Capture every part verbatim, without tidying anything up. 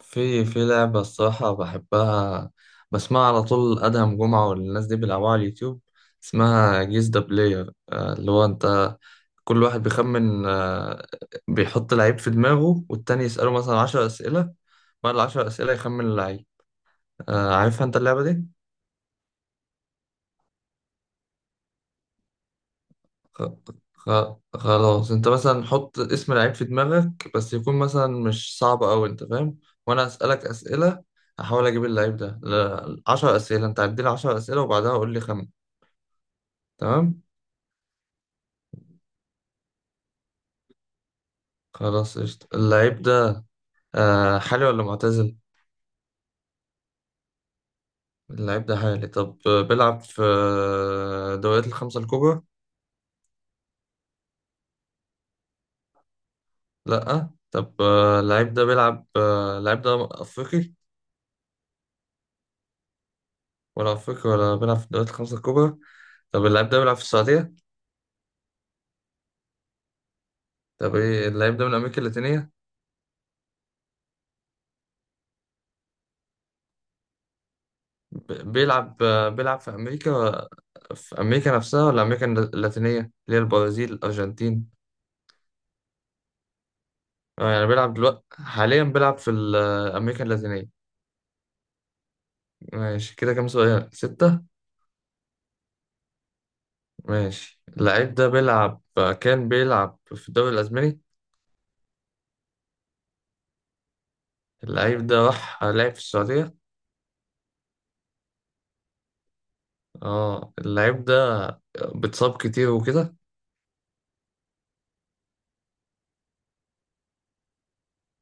في في لعبة الصراحة بحبها، بسمعها على طول أدهم جمعة والناس دي بيلعبوها على اليوتيوب. اسمها جيز ذا بلاير، آه، اللي هو أنت. كل واحد بيخمن، آه، بيحط لعيب في دماغه والتاني يسأله مثلا عشر أسئلة. بعد العشر أسئلة يخمن اللعيب. آه، عارفها أنت اللعبة دي؟ خ... خ... خلاص، انت مثلا حط اسم لعيب في دماغك، بس يكون مثلا مش صعب قوي، انت فاهم. وانا اسالك اسئله، احاول اجيب اللعيب ده ل... عشر اسئله. انت عدي لي عشر اسئله وبعدها قول لي خمن. تمام. خلاص قشطة. اللعيب ده، آه، حالي ولا معتزل؟ اللعيب ده حالي. طب آه، بيلعب في آه، دوريات الخمسه الكبرى؟ لا. طب آه، اللعيب ده بيلعب، آه، اللعيب ده افريقي؟ ولا افريقي ولا بيلعب في الدوريات الخمسه الكبرى. طب اللعيب ده بيلعب في السعوديه؟ طب ايه، اللعيب ده من امريكا اللاتينيه؟ ب- بيلعب، بيلعب في امريكا؟ في امريكا نفسها ولا امريكا اللاتينيه اللي هي البرازيل، الارجنتين؟ اه، يعني بيلعب دلوقتي حاليا بيلعب في ال- امريكا اللاتينيه. ماشي، كده كام سؤال؟ ستة. ماشي، اللعيب ده بيلعب، كان بيلعب في الدوري الاسباني. اللعيب ده راح لعب في السعوديه. اه، اللعيب ده بتصاب كتير وكده.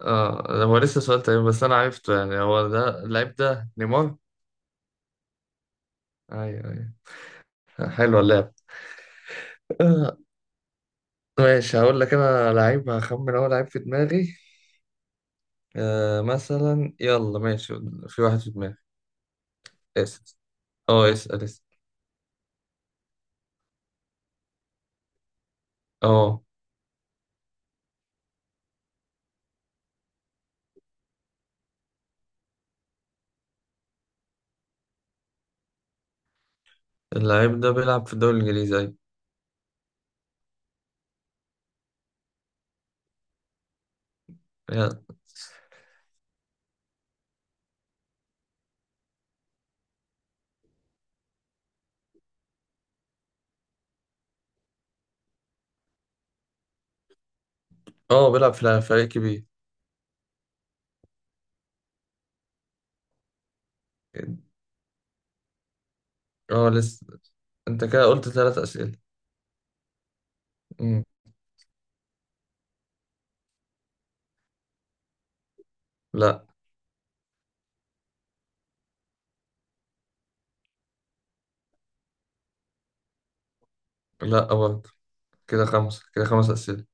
اه، هو لسه سؤال تاني بس انا عرفته، يعني هو ده اللعيب ده نيمار. ايوه ايوه، حلوه اللعبه. آه، ماشي، هقول لك انا لعيب، هخمن اول لعيب في دماغي. آه مثلا، يلا ماشي، في واحد في دماغي. اسال، اه اسال اسال اه، اللعيب ده بيلعب في الدوري الانجليزي، ايوه. يلا. اه، بيلعب في فريق كبير. اه لسه. انت كده قلت ثلاث اسئله. مم. لا. لا برضه. كده خمسه، كده خمس اسئله.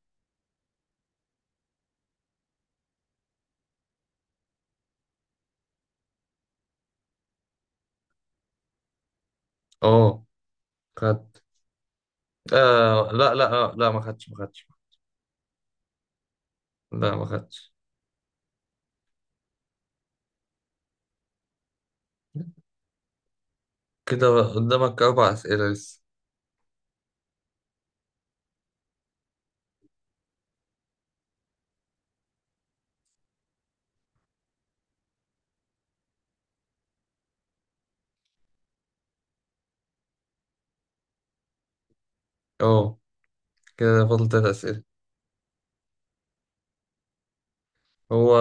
اه خدت. آه لا لا، آه لا، ما خدتش ما خدتش. لا ما خدتش. كده قدامك اربع اسئله لسه. اه كده فاضل ثلاث اسئله. هو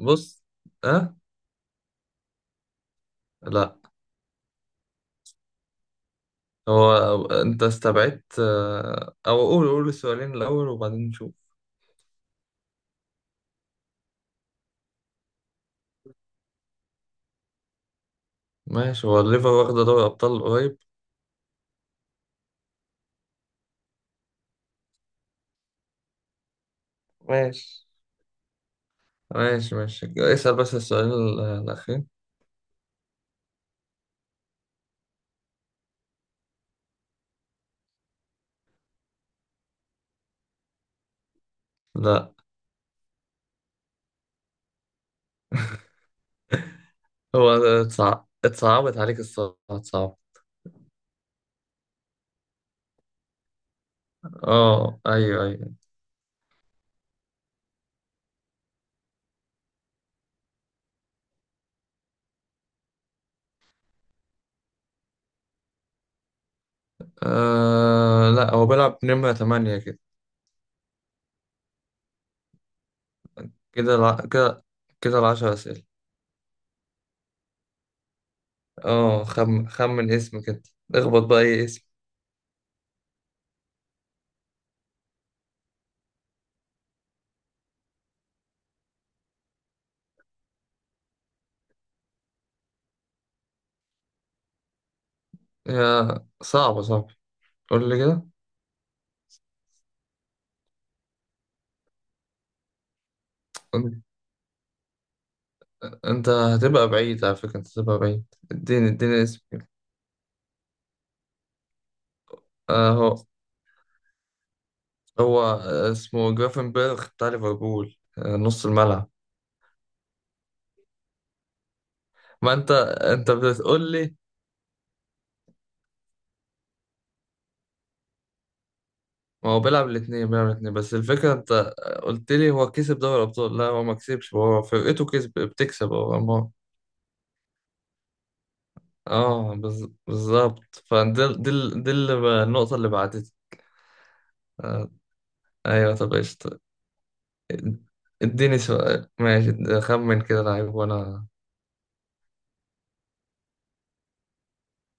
بص، أه. لا، هو أنت استبعدت، آه، أو قول قول السؤالين الأول وبعدين نشوف. ماشي، هو الليفر واخدة دوري أبطال قريب. ماشي ماشي ماشي، اسأل بس السؤالين ال- الأخير. لا. هو اتصع- اتصعبت عليك الصراحة، اتصعبت. اه أيوه أيوه. آه لا، هو بيلعب نمرة تمانية كده. كده الع... كده، كده العشر أسئلة. اه خم... خمن اسم كده. اخبط بقى أي اسم. يا صعبة صعبة. قول لي كده. قول لي. انت هتبقى بعيد على فكرة، انت هتبقى بعيد. اديني اديني اسم كده. اهو. هو هو اسمه جرافنبرغ بتاع ليفربول، آه، نص الملعب. ما انت، انت بتقول لي، ما هو بيلعب الاثنين، بيلعب الاثنين بس الفكرة انت قلت لي هو كسب دوري الابطال. لا، هو ما كسبش، هو فرقته كسب، بتكسب، هو ما. اه بز- بالظبط. فدي دي ال- دي اللي ب- النقطة اللي بعدتها. آه، ايوه طب قشطة. اديني سؤال، ماشي، خمن كده لعيب وانا.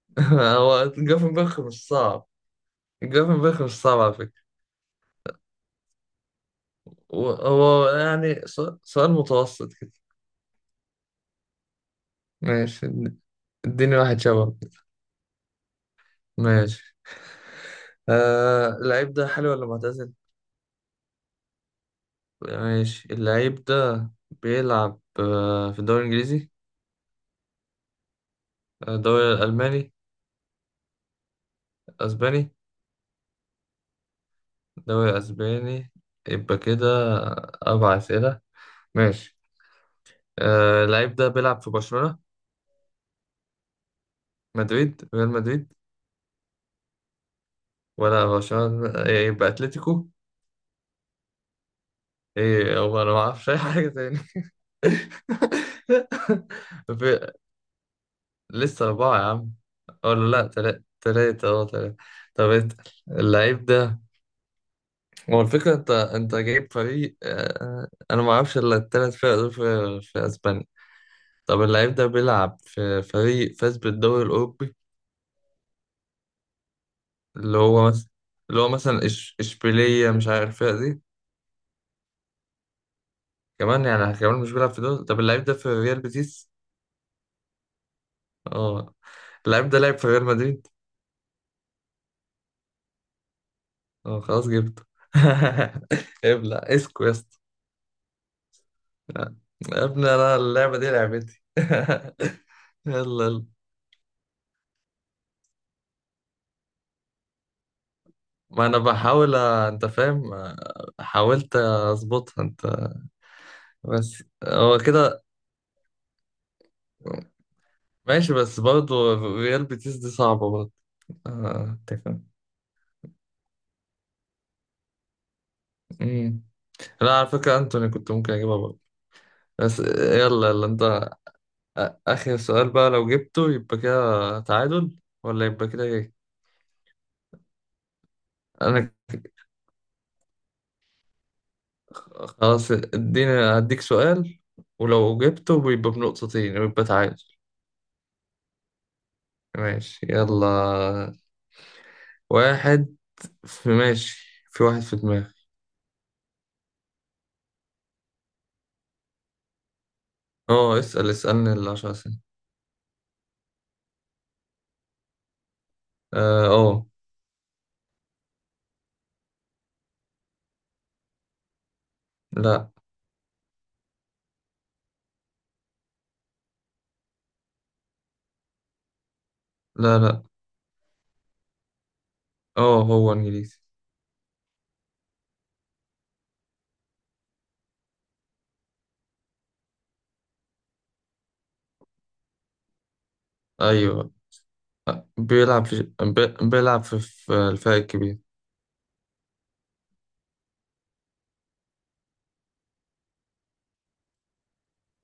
هو جافنبرخ مش صعب. جافنبرخ مش صعب على فكرة. هو يعني سؤ- سؤال متوسط كده. ماشي اد- اديني واحد شبه كده. ماشي. آه، اللعيب ده حلو ولا معتزل؟ ماشي، اللعيب ده بيلعب آه في الدوري الإنجليزي؟ آه، الدوري الألماني؟ أسباني؟ الدوري الأسباني. يبقى كده أربع أسئلة. ماشي. آه، اللعيب ده بيلعب في برشلونة؟ مدريد؟ ريال مدريد؟ ولا برشلونة؟ آه، يبقى أتلتيكو. ايه، هو انا ما اعرفش اي حاجه تاني. في... لسه اربعه يا عم. أه ولا لا، تلاته، تلاته اه تلاته. طب انت، اللعيب ده، هو الفكره، انت انت جايب فريق، آه، انا ما اعرفش الا التلات فرق دول في... في اسبانيا. طب اللعيب ده بيلعب في فريق فاز بالدوري الاوروبي، اللي هو مثلا، اللي هو مثلا إش... اشبيليه؟ مش عارف الفرقه دي كمان، يعني كمان مش بيلعب في دول. طب اللعيب ده في ريال بيتيس. اه، اللعيب ده لعب في ريال مدريد. اه خلاص جبته. ابلع اسكو يا اسطى. لا. يا ابني، انا اللعبه دي لعبتي. يلا يلا. ما انا بحاول أ- انت فاهم، حاولت اظبطها انت. بس هو كده. ماشي، بس برضه ريال بيتيس دي صعبه برضه. اه أنت فاهم. أمم. لا على فكره، انتوني كنت ممكن اجيبها برضه. بس يلا يلا انت. آ- اخر سؤال بقى، لو جبته يبقى كده تعادل ولا يبقى كده ايه؟ انا خلاص اديني، هديك سؤال، ولو جبته بيبقى بنقطتين ويبقى تعادل. ماشي يلا. واحد في، ماشي، في واحد في دماغي. اه اسأل، اسألني العشر سنين. اه آه. لا. لا. لا. اه هو انجليزي، ايوه. آه، بيلعب في بي- بيلعب في في الفريق الكبير.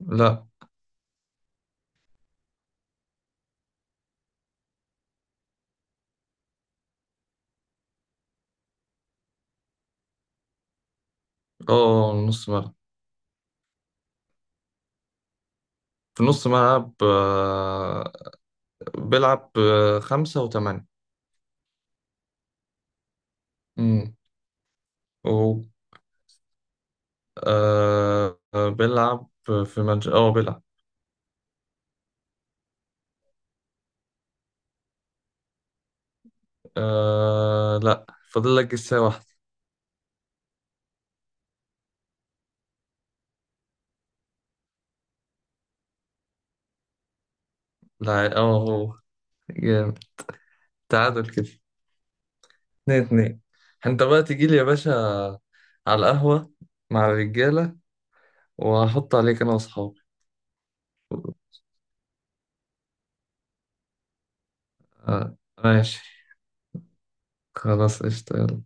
لا. اه نص ملعب. في نص ملعب، آه، بيلعب، آه، خمسة وثمانية. امم. آه آه، بيلعب في منش، اه بيلعب. آه لا. فاضل لك جسة واحدة. لا. اه هو جامد. تعادل كده، اتنين اتنين. انت بقى تجي لي يا باشا على القهوة مع الرجالة، وهحط عليك انا واصحابي. آه ماشي. خلاص قشطة يلا.